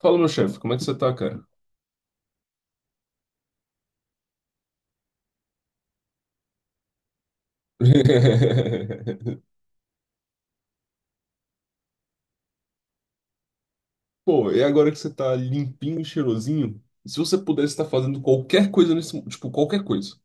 Fala, meu chefe, como é que você tá, cara? Pô, e agora que você tá limpinho e cheirosinho, se você pudesse estar fazendo qualquer coisa nesse mundo, tipo, qualquer coisa.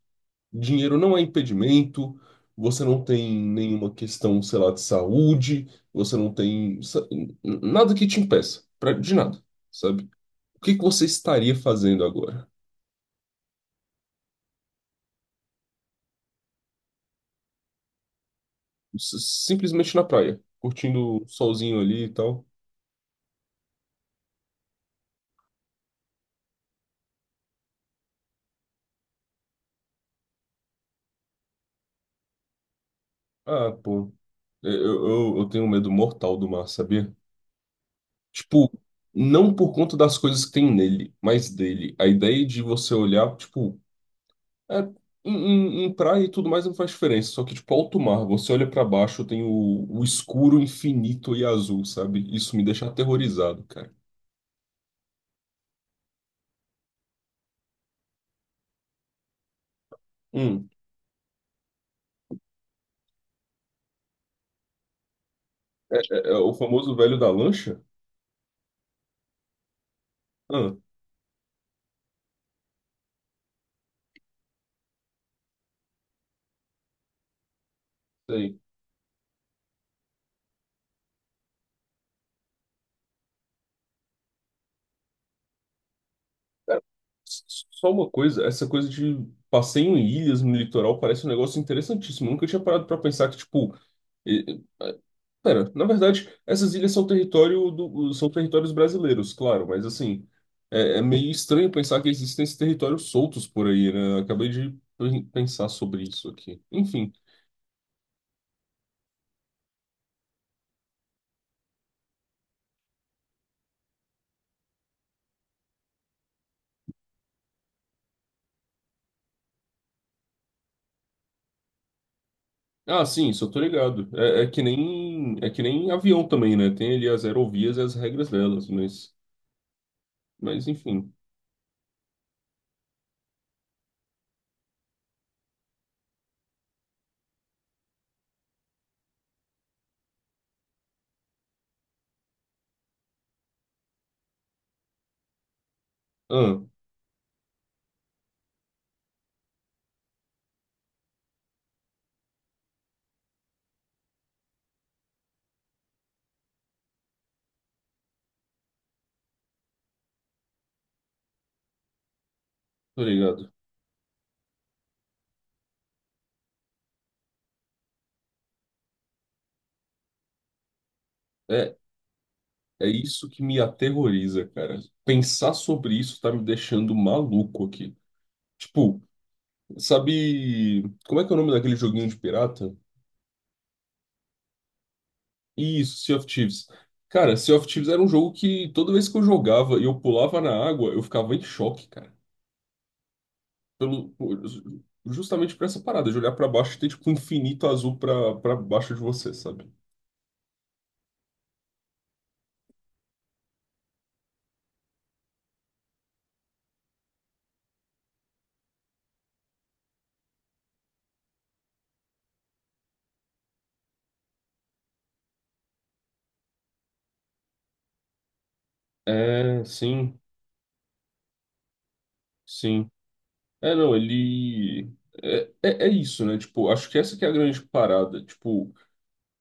Dinheiro não é impedimento, você não tem nenhuma questão, sei lá, de saúde, você não tem nada que te impeça, de nada, sabe? O que que você estaria fazendo agora? S- Simplesmente na praia, curtindo o solzinho ali e tal. Ah, pô, eu tenho um medo mortal do mar, sabia? Tipo, não por conta das coisas que tem nele, mas dele. A ideia de você olhar, tipo, é, em, em praia e tudo mais não faz diferença. Só que, tipo, alto mar, você olha pra baixo, tem o escuro infinito e azul, sabe? Isso me deixa aterrorizado, cara. Hum, é, é o famoso velho da lancha? Ah, sei. Cara, s- só uma coisa, essa coisa de passeio em ilhas no litoral parece um negócio interessantíssimo. Eu nunca tinha parado pra pensar que, tipo. Pera, na verdade, essas ilhas são território do, são territórios brasileiros, claro, mas assim, é, é meio estranho pensar que existem esses territórios soltos por aí, né? Eu acabei de pensar sobre isso aqui. Enfim. Ah, sim, isso eu tô ligado. É, é que nem avião também, né? Tem ali as aerovias e as regras delas, mas enfim. Ah, tô ligado. É, é isso que me aterroriza, cara. Pensar sobre isso tá me deixando maluco aqui. Tipo, sabe, como é que é o nome daquele joguinho de pirata? Isso, Sea of Thieves. Cara, Sea of Thieves era um jogo que toda vez que eu jogava e eu pulava na água, eu ficava em choque, cara. Pelo, por- justamente por essa parada, de olhar pra baixo e ter tipo um infinito azul pra, pra baixo de você, sabe? É, sim, sim. É, não, ele. É, é, é isso, né? Tipo, acho que essa que é a grande parada. Tipo,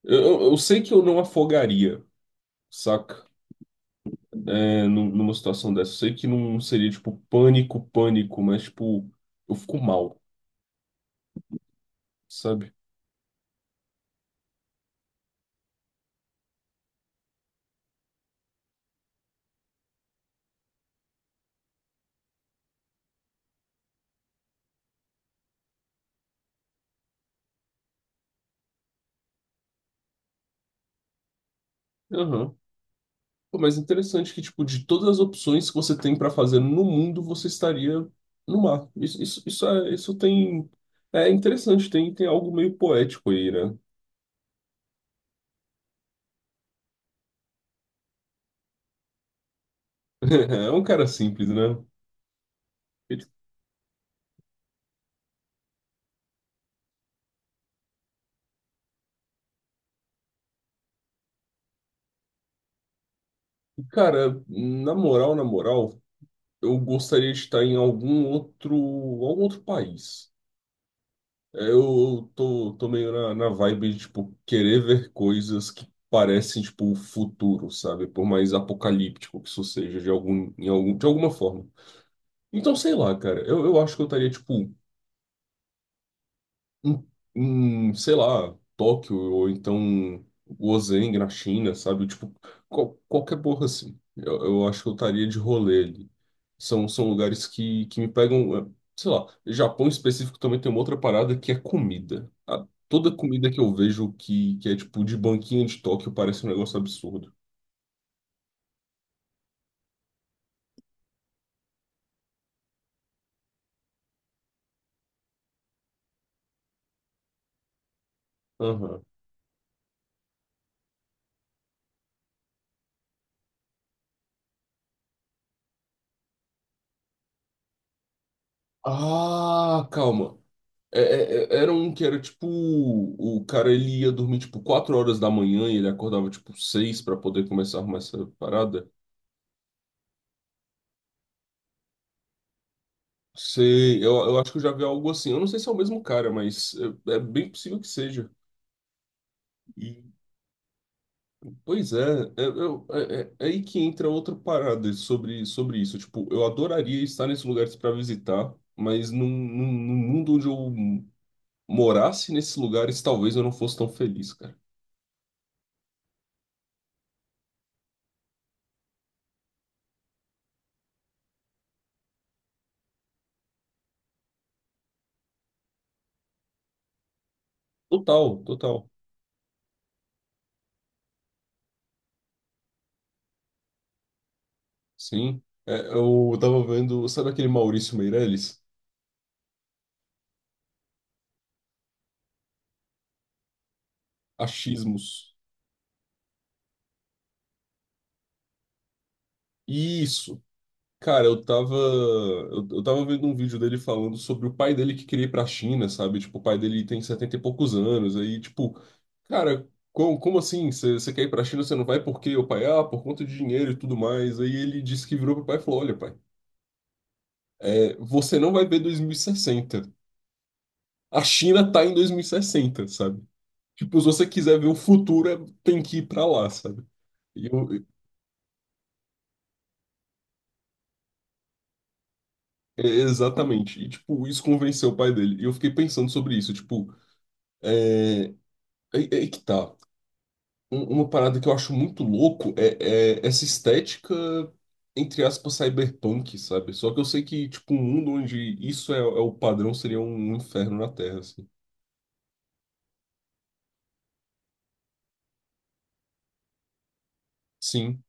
eu sei que eu não afogaria, saca? É, numa situação dessa. Eu sei que não seria, tipo, pânico, pânico, mas, tipo, eu fico mal, sabe? Aham. Pô, mas interessante que, tipo, de todas as opções que você tem pra fazer no mundo, você estaria no mar. Isso, é, isso tem... É interessante, tem, tem algo meio poético aí, né? É um cara simples, né? E, tipo, cara, na moral, eu gostaria de estar em algum outro país. É, eu tô, tô meio na, na vibe de, tipo, querer ver coisas que parecem, tipo, o futuro, sabe? Por mais apocalíptico que isso seja, de algum, em algum, de alguma forma. Então, sei lá, cara, eu acho que eu estaria, tipo, em, em, sei lá, Tóquio ou então Gozheng na China, sabe? Tipo, qualquer porra assim. Eu acho que eu estaria de rolê ali. São, são lugares que me pegam, sei lá. Japão em específico também tem uma outra parada que é comida. Toda comida que eu vejo que é tipo de banquinha de Tóquio parece um negócio absurdo. Aham. Ah, calma. É, é, é, era um que era tipo. O cara ele ia dormir tipo 4 horas da manhã e ele acordava tipo 6 pra poder começar a arrumar essa parada. Sei, eu acho que eu já vi algo assim. Eu não sei se é o mesmo cara, mas é, é bem possível que seja. E, pois é, é, é aí que entra outra parada sobre, sobre isso. Tipo, eu adoraria estar nesses lugares para visitar, mas num mundo onde eu morasse nesses lugares, talvez eu não fosse tão feliz, cara. Total, total. Sim. É, eu tava vendo, sabe aquele Maurício Meirelles? Achismos. Isso. Cara, eu tava vendo um vídeo dele falando sobre o pai dele que queria ir pra China, sabe? Tipo, o pai dele tem 70 e poucos anos, aí, tipo, cara, como, como assim? Você quer ir pra China, você não vai por quê? O pai, ah, por conta de dinheiro e tudo mais. Aí ele disse que virou pro pai e falou: Olha, pai, é, você não vai ver 2060. A China tá em 2060, sabe? Tipo, se você quiser ver o futuro, tem que ir pra lá, sabe? E eu, é, exatamente. E, tipo, isso convenceu o pai dele. E eu fiquei pensando sobre isso. Tipo, é, é, é que tá. Uma parada que eu acho muito louco é, é essa estética, entre aspas, cyberpunk, sabe? Só que eu sei que, tipo, um mundo onde isso é, é o padrão seria um inferno na Terra, assim. Sim.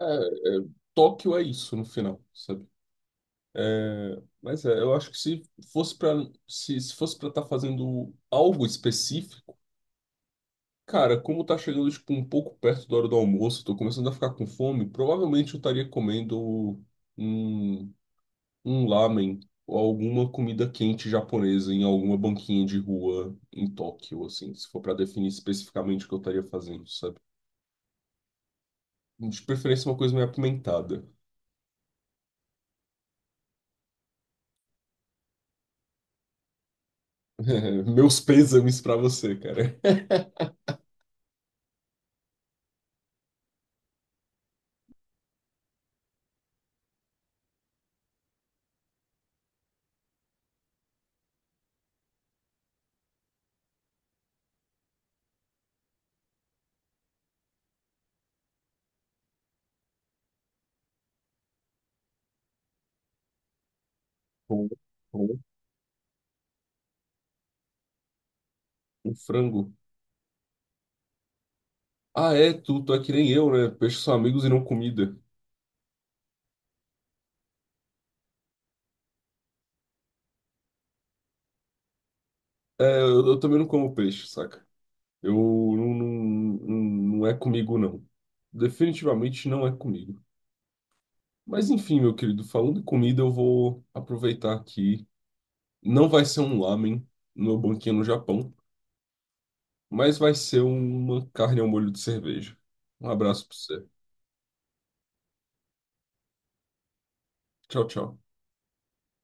É, é, Tóquio é isso, no final, sabe? É, mas é, eu acho que se fosse para se, se fosse para estar fazendo algo específico, cara, como tá chegando tipo um pouco perto da hora do almoço, tô começando a ficar com fome, provavelmente eu estaria comendo um, um lamen ou alguma comida quente japonesa em alguma banquinha de rua em Tóquio, assim, se for para definir especificamente o que eu estaria fazendo, sabe? De preferência uma coisa meio apimentada. Meus pêsames para você, cara. Bom, bom. Um frango. Ah, é, tu, tu é que nem eu, né? Peixes são amigos e não comida. É, eu também não como peixe, saca? Eu não, não, não, não é comigo, não. Definitivamente não é comigo. Mas enfim, meu querido, falando em comida, eu vou aproveitar que não vai ser um lamen no meu banquinho no Japão, mas vai ser uma carne ao molho de cerveja. Um abraço pra você. Tchau, tchau.